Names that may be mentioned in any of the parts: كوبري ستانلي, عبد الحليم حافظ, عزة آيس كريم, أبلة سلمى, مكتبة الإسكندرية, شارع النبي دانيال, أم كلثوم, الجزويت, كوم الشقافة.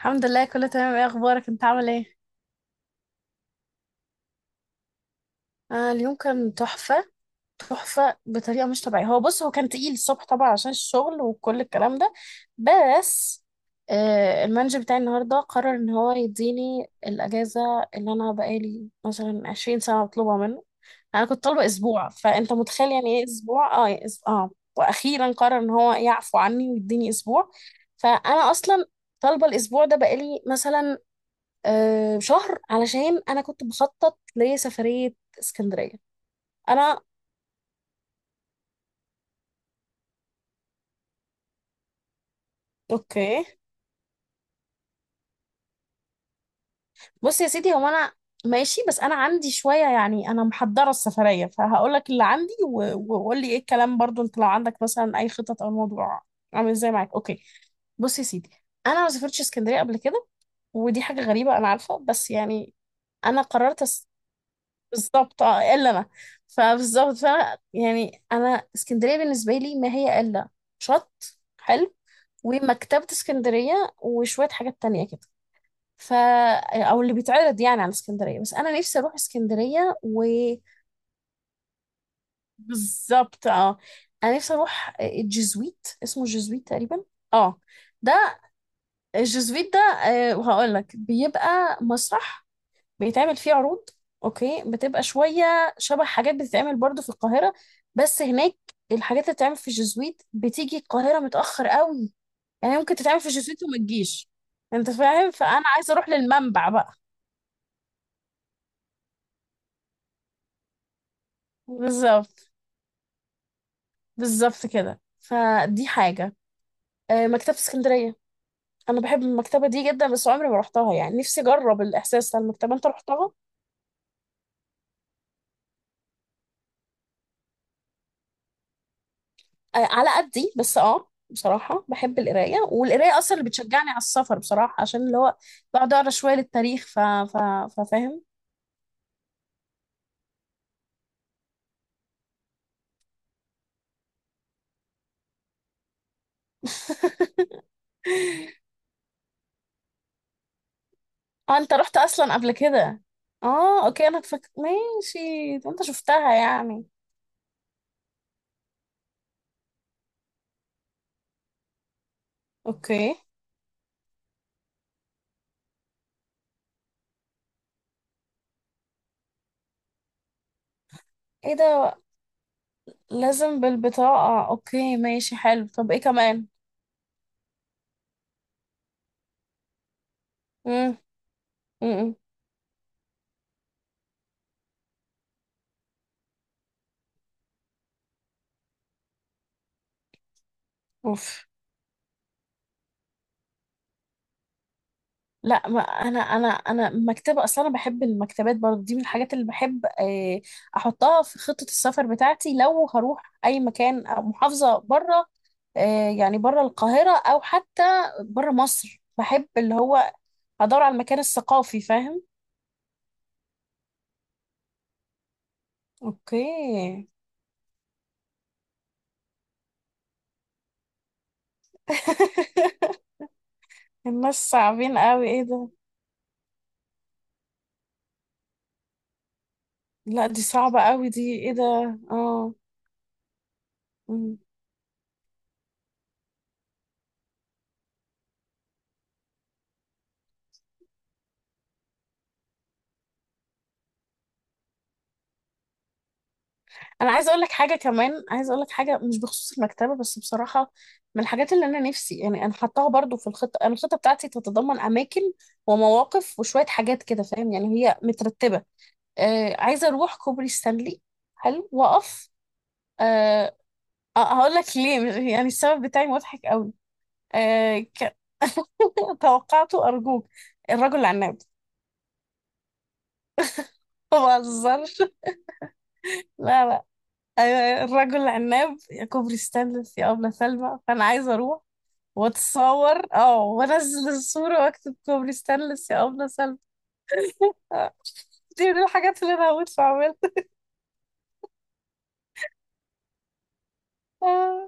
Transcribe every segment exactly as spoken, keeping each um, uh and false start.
الحمد لله، كله تمام. ايه اخبارك؟ انت عامل ايه؟ آه اليوم كان تحفه. تحفه بطريقه مش طبيعيه. هو بص، هو كان تقيل الصبح طبعا عشان الشغل وكل الكلام ده. بس آه المانجر بتاعي النهارده قرر ان هو يديني الاجازه اللي انا بقالي مثلا عشرين سنه مطلوبه منه. انا كنت طالبه اسبوع، فانت متخيل يعني ايه اسبوع اه يعني أس- اه واخيرا قرر ان هو يعفو عني ويديني اسبوع. فانا اصلا طالبه الاسبوع ده بقالي مثلا آه، شهر علشان انا كنت بخطط لسفرية اسكندرية. انا اوكي. بص يا سيدي، هو انا ماشي. بس انا عندي شوية، يعني انا محضرة السفرية، فهقول لك اللي عندي و- وقول لي ايه الكلام برضو. انت لو عندك مثلا اي خطط او الموضوع عامل ازاي معاك، اوكي. بص يا سيدي، انا ما سافرتش اسكندرية قبل كده، ودي حاجة غريبة أنا عارفة، بس يعني أنا قررت أس... بالظبط اه إلا أنا. فبالظبط فأنا يعني أنا اسكندرية بالنسبة لي ما هي إلا شط حلو ومكتبة اسكندرية وشوية حاجات تانية كده. ف او اللي بيتعرض يعني على اسكندرية، بس انا نفسي اروح اسكندرية. وبالظبط اه انا نفسي اروح الجزويت، اسمه الجزويت تقريبا اه ده الجزويت ده آه، وهقول لك بيبقى مسرح بيتعمل فيه عروض. اوكي، بتبقى شوية شبه حاجات بتتعمل برضو في القاهرة، بس هناك الحاجات اللي بتتعمل في الجزويت بتيجي القاهرة متأخر قوي، يعني ممكن تتعمل في شتوت وما تجيش. انت فاهم، فانا عايزه اروح للمنبع بقى. بالظبط، بالظبط كده، فدي حاجه. آه، مكتبه اسكندريه، انا بحب المكتبه دي جدا بس عمري ما رحتها، يعني نفسي اجرب الاحساس بتاع المكتبه. انت رحتها؟ آه، على قدي بس اه بصراحه بحب القرايه، والقرايه اصلا اللي بتشجعني على السفر بصراحه، عشان اللي هو بقعد اقرا شويه للتاريخ ف... ف... ففاهم. اه، انت رحت اصلا قبل كده. اه اوكي، انا فك... ماشي. ده انت شفتها يعني. اوكي. ايه ده، لازم بالبطاقة؟ اوكي ماشي، حلو. طب ايه كمان؟ امم. امم. اوف. لا، ما انا انا انا مكتبة اصلا، انا بحب المكتبات برضه، دي من الحاجات اللي بحب آه، احطها في خطة السفر بتاعتي لو هروح اي مكان او محافظة بره. آه، يعني بره القاهرة او حتى بره مصر، بحب اللي هو ادور على المكان الثقافي، فاهم. اوكي. الناس صعبين قوي، ايه ده. لا دي صعبة قوي دي، ايه ده. اه. مم. انا عايزة اقول لك حاجة كمان، عايزة اقول لك حاجة مش بخصوص المكتبة بس بصراحة، من الحاجات اللي انا نفسي يعني انا حطاها برضو في الخطة. انا الخطة بتاعتي تتضمن اماكن ومواقف وشوية حاجات كده، فاهم يعني، هي مترتبة. آه عايزة اروح كوبري ستانلي. حلو، واقف. آه هقول لك ليه، يعني السبب بتاعي مضحك قوي. آه ك... توقعته أرجوك. الرجل العناب. ما بهزرش. لا لا. أيوة، أيوة. الرجل العناب يا كوبري ستانلي في أبلة سلمى، فأنا عايزة أروح وأتصور أه وأنزل الصورة وأكتب كوبري ستانلي في أبلة سلمى. آه، دي من الحاجات اللي أنا هموت في أعملها. آه.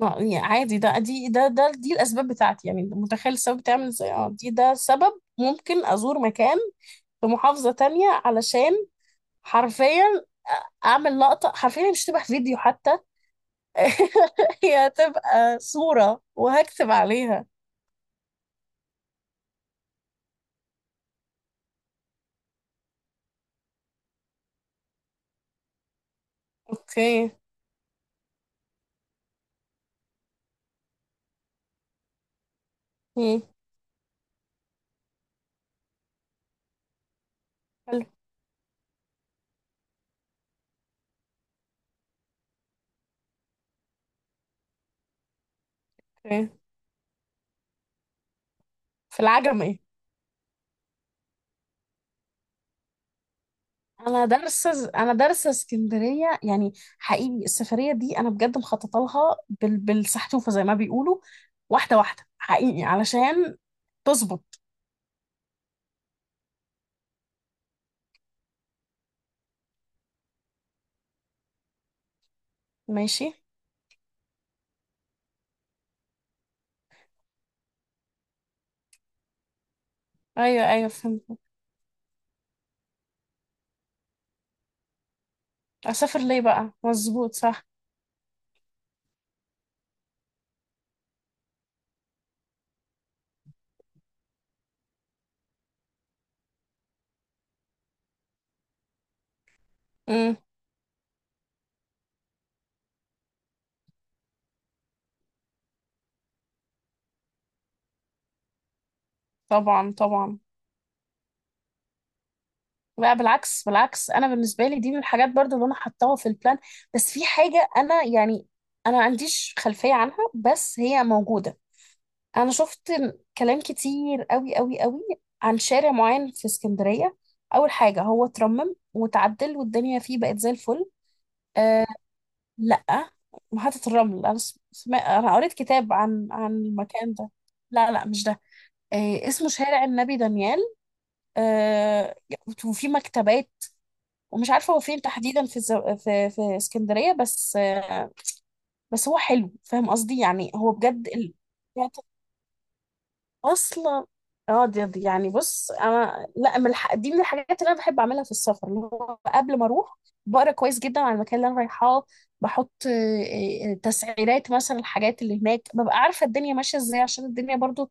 ما- يعني عادي، ده دي ده ده دي الأسباب بتاعتي. يعني متخيل السبب بتعمل إزاي؟ أه، دي ده سبب ممكن أزور مكان في محافظة تانية علشان حرفيا اعمل لقطه. حرفيا مش تبقى فيديو حتى. هي هتبقى صوره وهكتب عليها. اوكي. اوكي حلو. اوكي. في العجمي، ايه. انا دارسه، انا دارسه اسكندريه يعني. حقيقي السفريه دي انا بجد مخططه لها بال... بالسحتوفه زي ما بيقولوا، واحده واحده، حقيقي علشان تظبط. ماشي. ايوه ايوه، فهمت. اسافر ليه بقى، مظبوط، صح. امم. طبعا طبعا. لا بالعكس، بالعكس انا بالنسبه لي دي من الحاجات برضو اللي انا حطاها في البلان. بس في حاجه انا يعني انا ما عنديش خلفيه عنها بس هي موجوده. انا شفت كلام كتير قوي قوي قوي عن شارع معين في اسكندريه. اول حاجه هو اترمم وتعدل والدنيا فيه بقت زي الفل. أه، لا، محطه الرمل انا سمع... انا قريت كتاب عن عن المكان ده. لا لا مش ده. آه، اسمه شارع النبي دانيال. آه، وفي مكتبات. ومش عارفه هو فين تحديدا في الزو... في في اسكندريه، بس آه، بس هو حلو، فاهم قصدي، يعني هو بجد ال... يعني اصلا. اه، دي دي يعني بص، انا لا، من الح... دي من الحاجات اللي انا بحب اعملها في السفر، اللي هو قبل ما اروح بقرا كويس جدا عن المكان اللي انا رايحاه. بحط آه، آه، تسعيرات مثلا الحاجات اللي هناك، ببقى عارفه الدنيا ماشيه ازاي عشان الدنيا برضو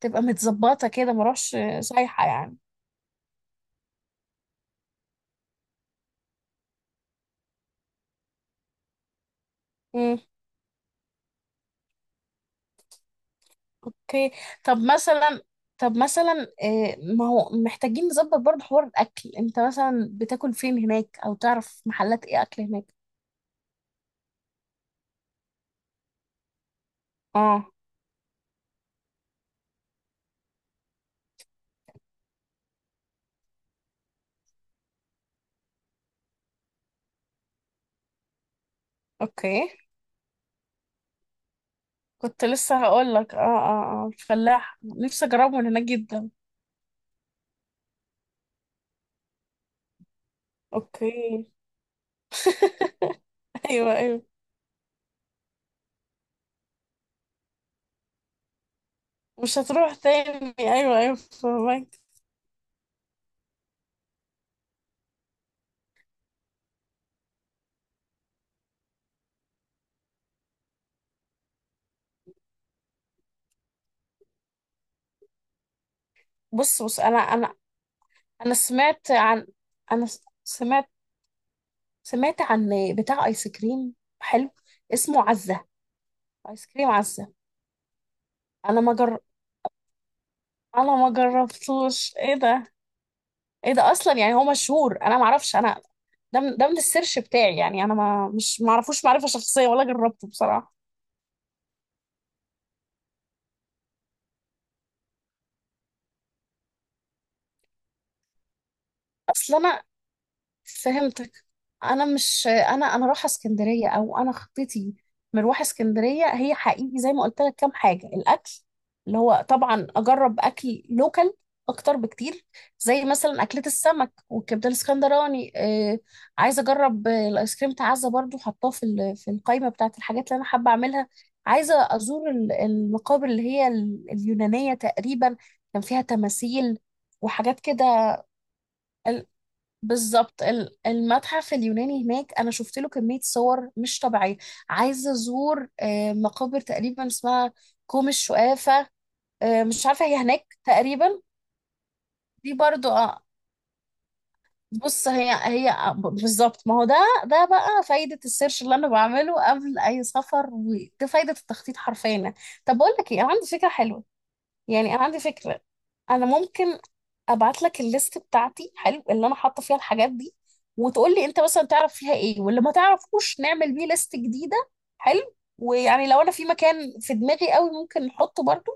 تبقى متظبطه كده، ما اروحش آه، سايحه يعني. اوكي. طب مثلا، طب مثلا آه، ما هو محتاجين نظبط برضه حوار الاكل. انت مثلا بتاكل فين هناك او تعرف محلات ايه اكل هناك؟ اه اوكي، كنت لسه هقول لك. اه اه اه الفلاح نفسي اجربه من هناك جدا. اوكي. ايوه ايوه، مش هتروح تاني، ايوه ايوه، فهمك. بص بص، انا انا انا سمعت عن، انا س- سمعت، سمعت عن بتاع ايس كريم حلو، اسمه عزة. ايس كريم عزة. انا ما جر... انا ما جربتوش، ايه ده. ايه ده اصلا، يعني هو مشهور، انا ما اعرفش انا. ده من ده من السيرش بتاعي، يعني انا ما مش ما اعرفوش معرفة شخصية ولا جربته بصراحة. اصلا انا فهمتك. انا مش انا، انا رايحه اسكندريه، او انا خطتي مروح اسكندريه هي حقيقي زي ما قلت لك كام حاجه. الاكل اللي هو طبعا اجرب اكل لوكال اكتر بكتير، زي مثلا اكله السمك والكبده الاسكندراني آه عايزه اجرب آه، الايس كريم تعزه برضو، حطاه في ال- في القائمه بتاعت الحاجات اللي انا حابه اعملها. عايزه ازور ال- المقابر اللي هي ال- اليونانيه تقريبا، كان فيها تماثيل وحاجات كده. بالظبط ال- المتحف اليوناني هناك، انا شفت له كميه صور مش طبيعيه. عايزه ازور آه، مقابر تقريبا اسمها كوم الشقافه. آه، مش عارفه، هي هناك تقريبا. دي برضو آه، بص هي هي آه، ب- بالظبط ما هو ده. ده بقى فايده السيرش اللي انا بعمله قبل اي سفر، ودي فايده التخطيط حرفيا. طب بقول لك ايه، انا عندي فكره حلوه. يعني انا عندي فكره، انا ممكن ابعت لك الليست بتاعتي، حلو، اللي انا حاطه فيها الحاجات دي، وتقول لي انت مثلا تعرف فيها ايه، واللي ما تعرفوش نعمل بيه ليست جديده. حلو. ويعني لو انا في مكان في دماغي قوي ممكن نحطه برضو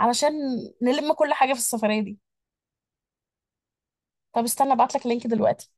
علشان نلم كل حاجه في السفريه دي. طب استنى، ابعت لك لينك دلوقتي.